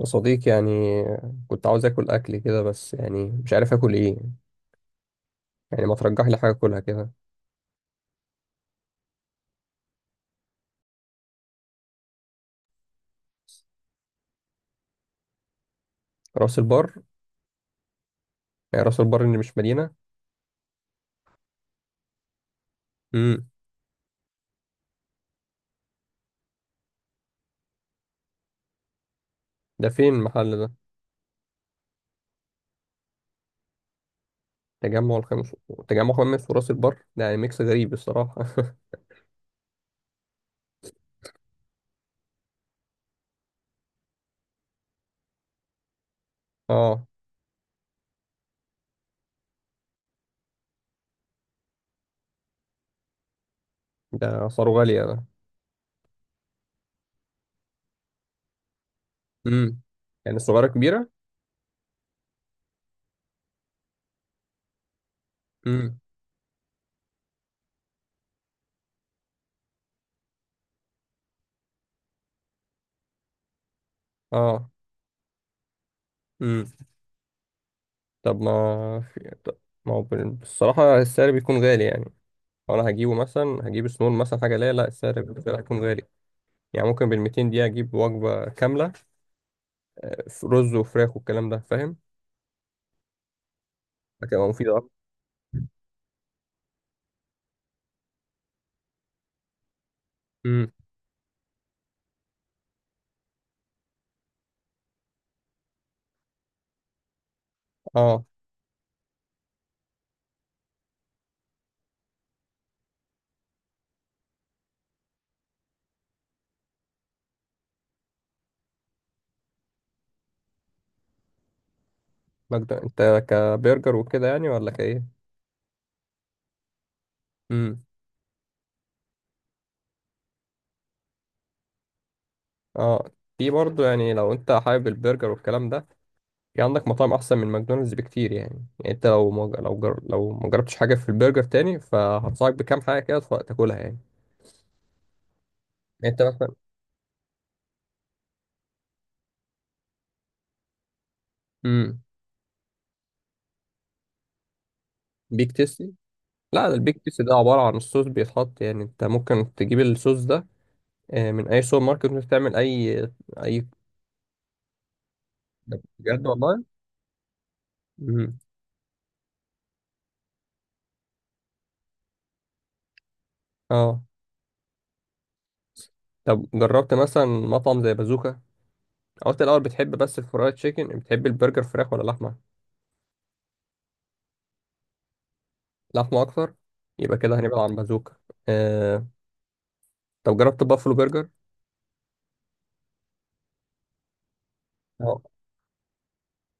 يا صديقي يعني، كنت عاوز اكل كده. بس يعني مش عارف اكل ايه. يعني ما ترجح لي حاجه اكلها كده. راس البر؟ يعني راس البر اللي مش مدينه؟ امم، ده فين المحل ده؟ تجمع الخامس. تجمع خامس وراس البر ده يعني ميكس غريب الصراحه. اه، ده اسعاره غاليه ده. امم، يعني الصغيره كبيره. امم. اه. امم. طب ما في طب، ما هو بال- بصراحه السعر بيكون غالي يعني. انا هجيبه مثلا، هجيب سنون مثلا حاجه ليا. لا السعر بيكون غالي. يعني ممكن بال 200 دقيقة أجيب وجبة كاملة. رز وفراخ والكلام ده، فاهم؟ هتبقى مفيدة أكتر. امم. اه. مجد أنت كبرجر وكده يعني ولا كإيه؟ امم. اه. في برضه يعني لو أنت حابب البرجر والكلام ده، في عندك مطاعم أحسن من ماكدونالدز بكتير يعني. يعني أنت لو مج... لو جر... لو ما جربتش حاجة في البرجر تاني، فهنصحك بكام حاجة كده تاكلها يعني. يعني أنت مثلا. امم. بيك تيستي؟ لا ده البيك تيستي ده عبارة عن الصوص بيتحط. يعني أنت ممكن تجيب الصوص ده من اي سوبر ماركت. ممكن تعمل اي، اي. طب بجد والله. مم. اه. طب جربت مثلا مطعم زي بازوكا؟ قلت الاول بتحب بس الفرايد تشيكن. بتحب البرجر فراخ ولا لحمه؟ لحمه اكتر؟ يبقى كده هنبعد عن بازوكا. آه. طب جربت بافلو برجر؟ اه.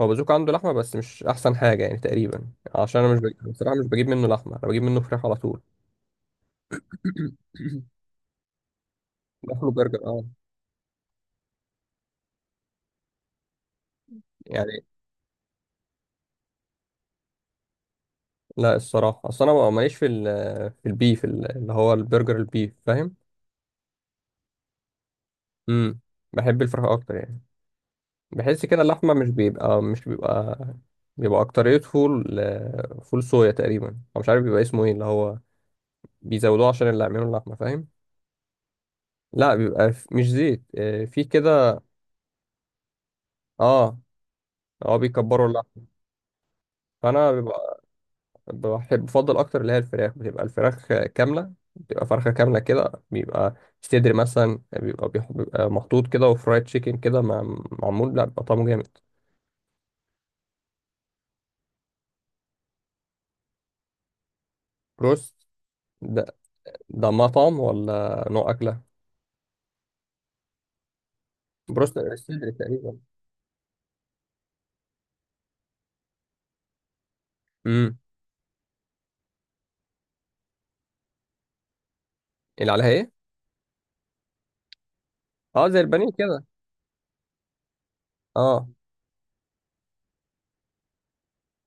هو بازوكا عنده لحمه، بس مش احسن حاجه يعني تقريبا. عشان انا مش بجيب. بصراحه مش بجيب منه لحمه، انا بجيب منه فراخ على طول. باكله برجر اه، يعني. لا الصراحه، اصل انا ماليش في ال في البيف، اللي هو البرجر البيف، فاهم؟ امم. بحب الفراخ اكتر يعني. بحس كده اللحمه مش بيبقى اكتريته فول. فول صويا تقريبا، او مش عارف بيبقى اسمه ايه، اللي هو بيزودوه عشان اللي يعملوا اللحمه، فاهم؟ لا بيبقى مش زيت، في كده. اه. اه بيكبروا اللحمه. فانا بيبقى بحب بفضل اكتر اللي هي الفراخ. بتبقى الفراخ كامله، بتبقى فرخه كامله كده، بيبقى صدر مثلا، بيبقى بيبقى محطوط كده، وفرايد تشيكن كده معمول، لا بيبقى طعمه جامد. بروست؟ ده ده مطعم ولا نوع أكلة؟ بروسلر الصدر تقريبا. امم. اللي عليها ايه؟ اه زي البانيه كده. اه.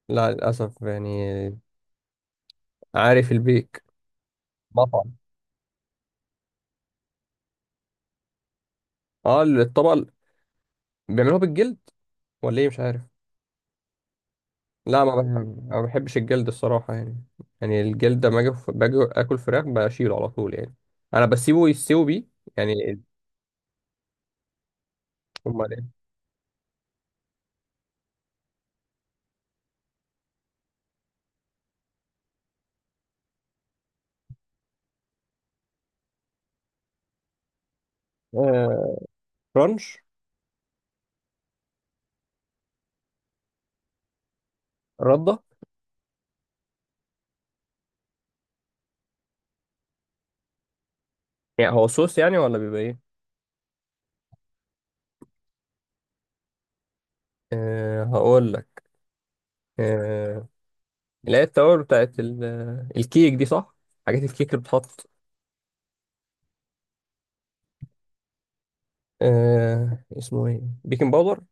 لا للاسف يعني. عارف البيك. مطعم؟ اه الطبق. بيعملوها بالجلد ولا ايه؟ مش عارف. لا ما بحب، ما بحبش الجلد الصراحه يعني. يعني الجلد ده، ما اجي باجي اكل فراخ بشيله على طول يعني. انا بسيبه يستوي بيه يعني. امال ايه؟ آه، رانش. رده؟ يعني هو صوص يعني ولا بيبقى ايه؟ أه هقول لك. أه اللي هي التوابل الكيك دي، صح؟ حاجات الكيك اللي بتحط. آه اسمه ايه، بيكن باودر؟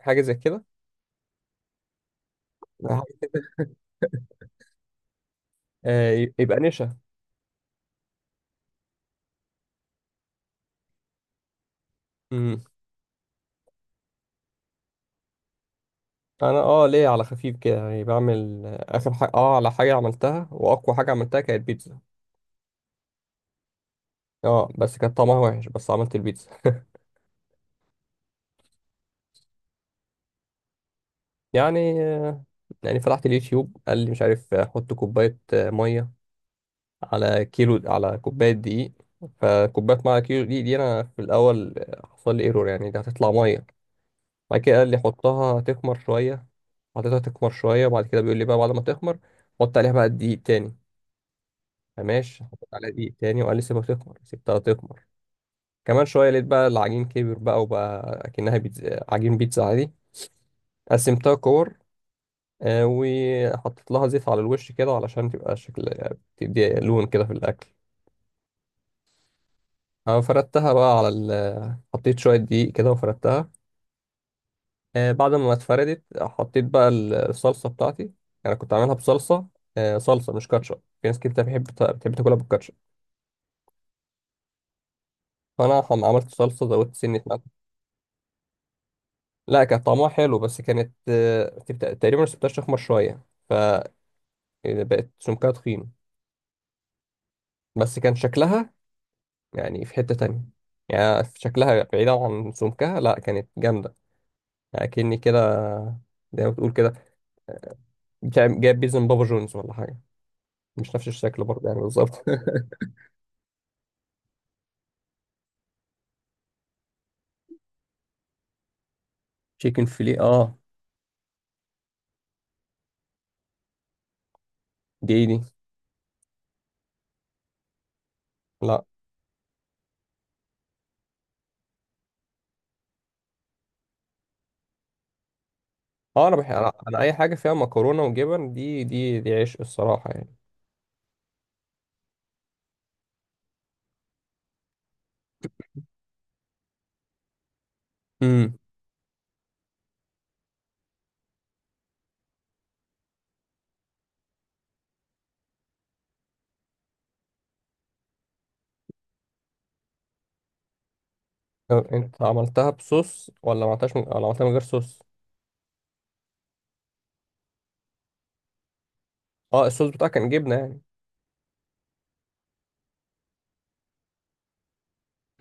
حاجه زي كده. آه. آه يبقى نشا. امم. انا اه ليه على خفيف كده يعني، بعمل اخر حاجه، اه على حاجه عملتها، واقوى حاجه عملتها كانت بيتزا. اه بس كانت طعمها وحش، بس عملت البيتزا. يعني آه، يعني فتحت اليوتيوب، قال لي مش عارف، حط كوبايه ميه على كيلو، على كوبايه دقيق. فكوبايه ميه على كيلو دقيق دي، انا في الاول حصل لي ايرور يعني، دي هتطلع ميه. بعد كده قال لي حطها تخمر شوية. حطيتها تخمر شوية، وبعد كده بيقول لي بقى بعد ما تخمر، حط عليها بقى دقيق تاني. فماشي، حطيت عليها دقيق تاني، وقال لي سيبها تخمر. سبتها تخمر كمان شوية، لقيت بقى العجين كبر بقى، وبقى أكنها بيتزا، عجين بيتزا عادي. قسمتها كور، وحطيت لها زيت على الوش كده، علشان تبقى شكل، تدي لون كده في الأكل. أنا فردتها بقى على ال... حطيت شوية دقيق كده وفردتها. بعد ما اتفردت، حطيت بقى الصلصه بتاعتي. انا كنت عاملها بصلصه. صلصه مش كاتشب. في ناس كتير بتحب تاكلها بالكاتشب. فانا عملت صلصه، زودت سنه ملح. لا كان طعمها حلو، بس كانت تقريبا سبتها تخمر شويه، فبقت سمكها تخين. بس كان شكلها، يعني في حته تانية، يعني في شكلها بعيدا عن سمكها، لا كانت جامده. يعني كأني كده، زي ما بتقول كده، جايب بيزن بابا جونز ولا حاجه. مش نفس الشكل برضه يعني بالظبط. تشيكن فيليه اه؟ دي إيه دي؟ لا. اه انا بحب، أنا اي حاجه فيها مكرونه وجبن، دي عيش الصراحه يعني. امم. طب انت عملتها بصوص ولا ما عملتهاش من... ولا عملتها من غير صوص؟ اه الصوص بتاعها كان جبنه يعني.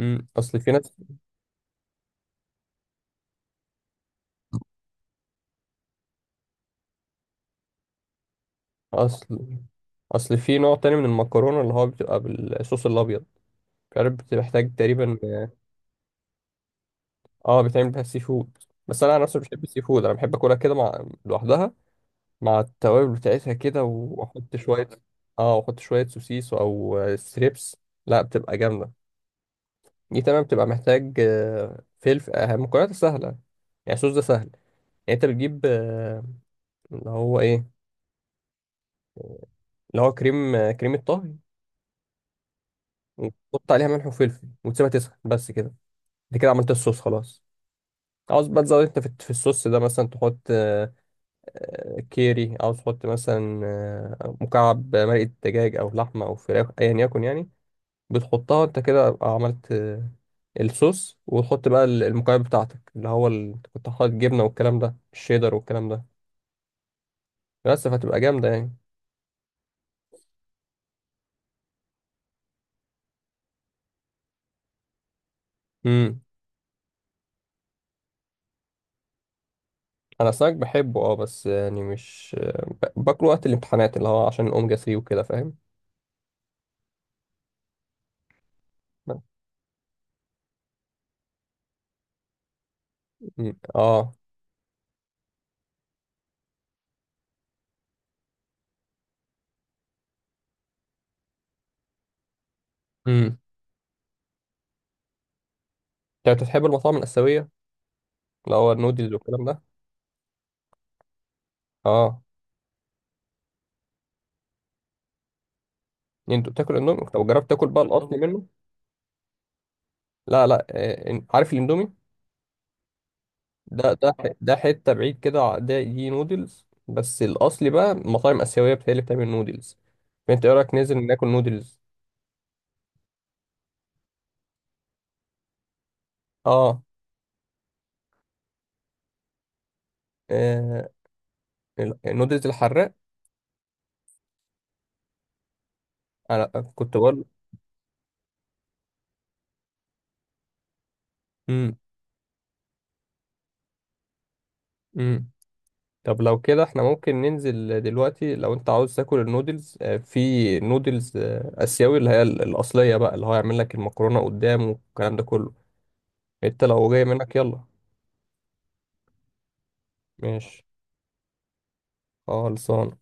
امم. اصل في ناس. اصل اصل في نوع تاني من المكرونه، اللي هو بتبقى بالصوص الابيض. مش عارف بتحتاج تقريبا. اه بيتعمل بيها سي فود. بس انا عن نفسي مش بحب السي فود، انا بحب اكلها كده مع لوحدها، مع التوابل بتاعتها كده، واحط شويه. اه واحط شويه سوسيس او ستريبس. لا بتبقى جامده. دي تمام، بتبقى محتاج فلفل، مكونات سهلة. يعني الصوص ده سهل. يعني انت بتجيب اللي هو ايه اللي هو كريم كريمة طهي، وتحط عليها ملح وفلفل وتسيبها تسخن بس كده. انت كده عملت الصوص خلاص. عاوز بقى تزود انت في الصوص ده، مثلا تحط كيري. عاوز تحط مثلا مكعب مرقة دجاج او لحمة او فراخ، ايا يكن يعني. بتحطها، انت كده عملت الصوص، وتحط بقى المكعب بتاعتك، اللي هو انت كنت حاطط جبنه والكلام ده، الشيدر والكلام ده. بس فهتبقى جامده يعني. امم. انا السمك بحبه اه، بس يعني مش باكله وقت الامتحانات، اللي هو عشان الاوميجا 3 وكده، فاهم؟ مم. اه. امم. انت بتحب المطاعم الاسيويه، اللي هو النودلز والكلام ده؟ اه. انت بتاكل اندومي؟ طب جربت تاكل بقى الاصلي منه؟ لا لا، عارف الاندومي ده، ده حتة بعيد كده ده دي نودلز، بس الأصلي بقى مطاعم آسيوية بتهيألي اللي بتعمل نودلز. فأنت إيه رأيك ننزل ناكل نودلز؟ آه آه، النودلز الحراق. أنا كنت بقول. مم. مم. طب لو كده إحنا ممكن ننزل دلوقتي، لو أنت عاوز تاكل النودلز. في نودلز آسيوي، اللي هي الأصلية بقى، اللي هو يعمل لك المكرونة قدام والكلام ده كله. أنت لو جاي منك، يلا. ماشي. خالص.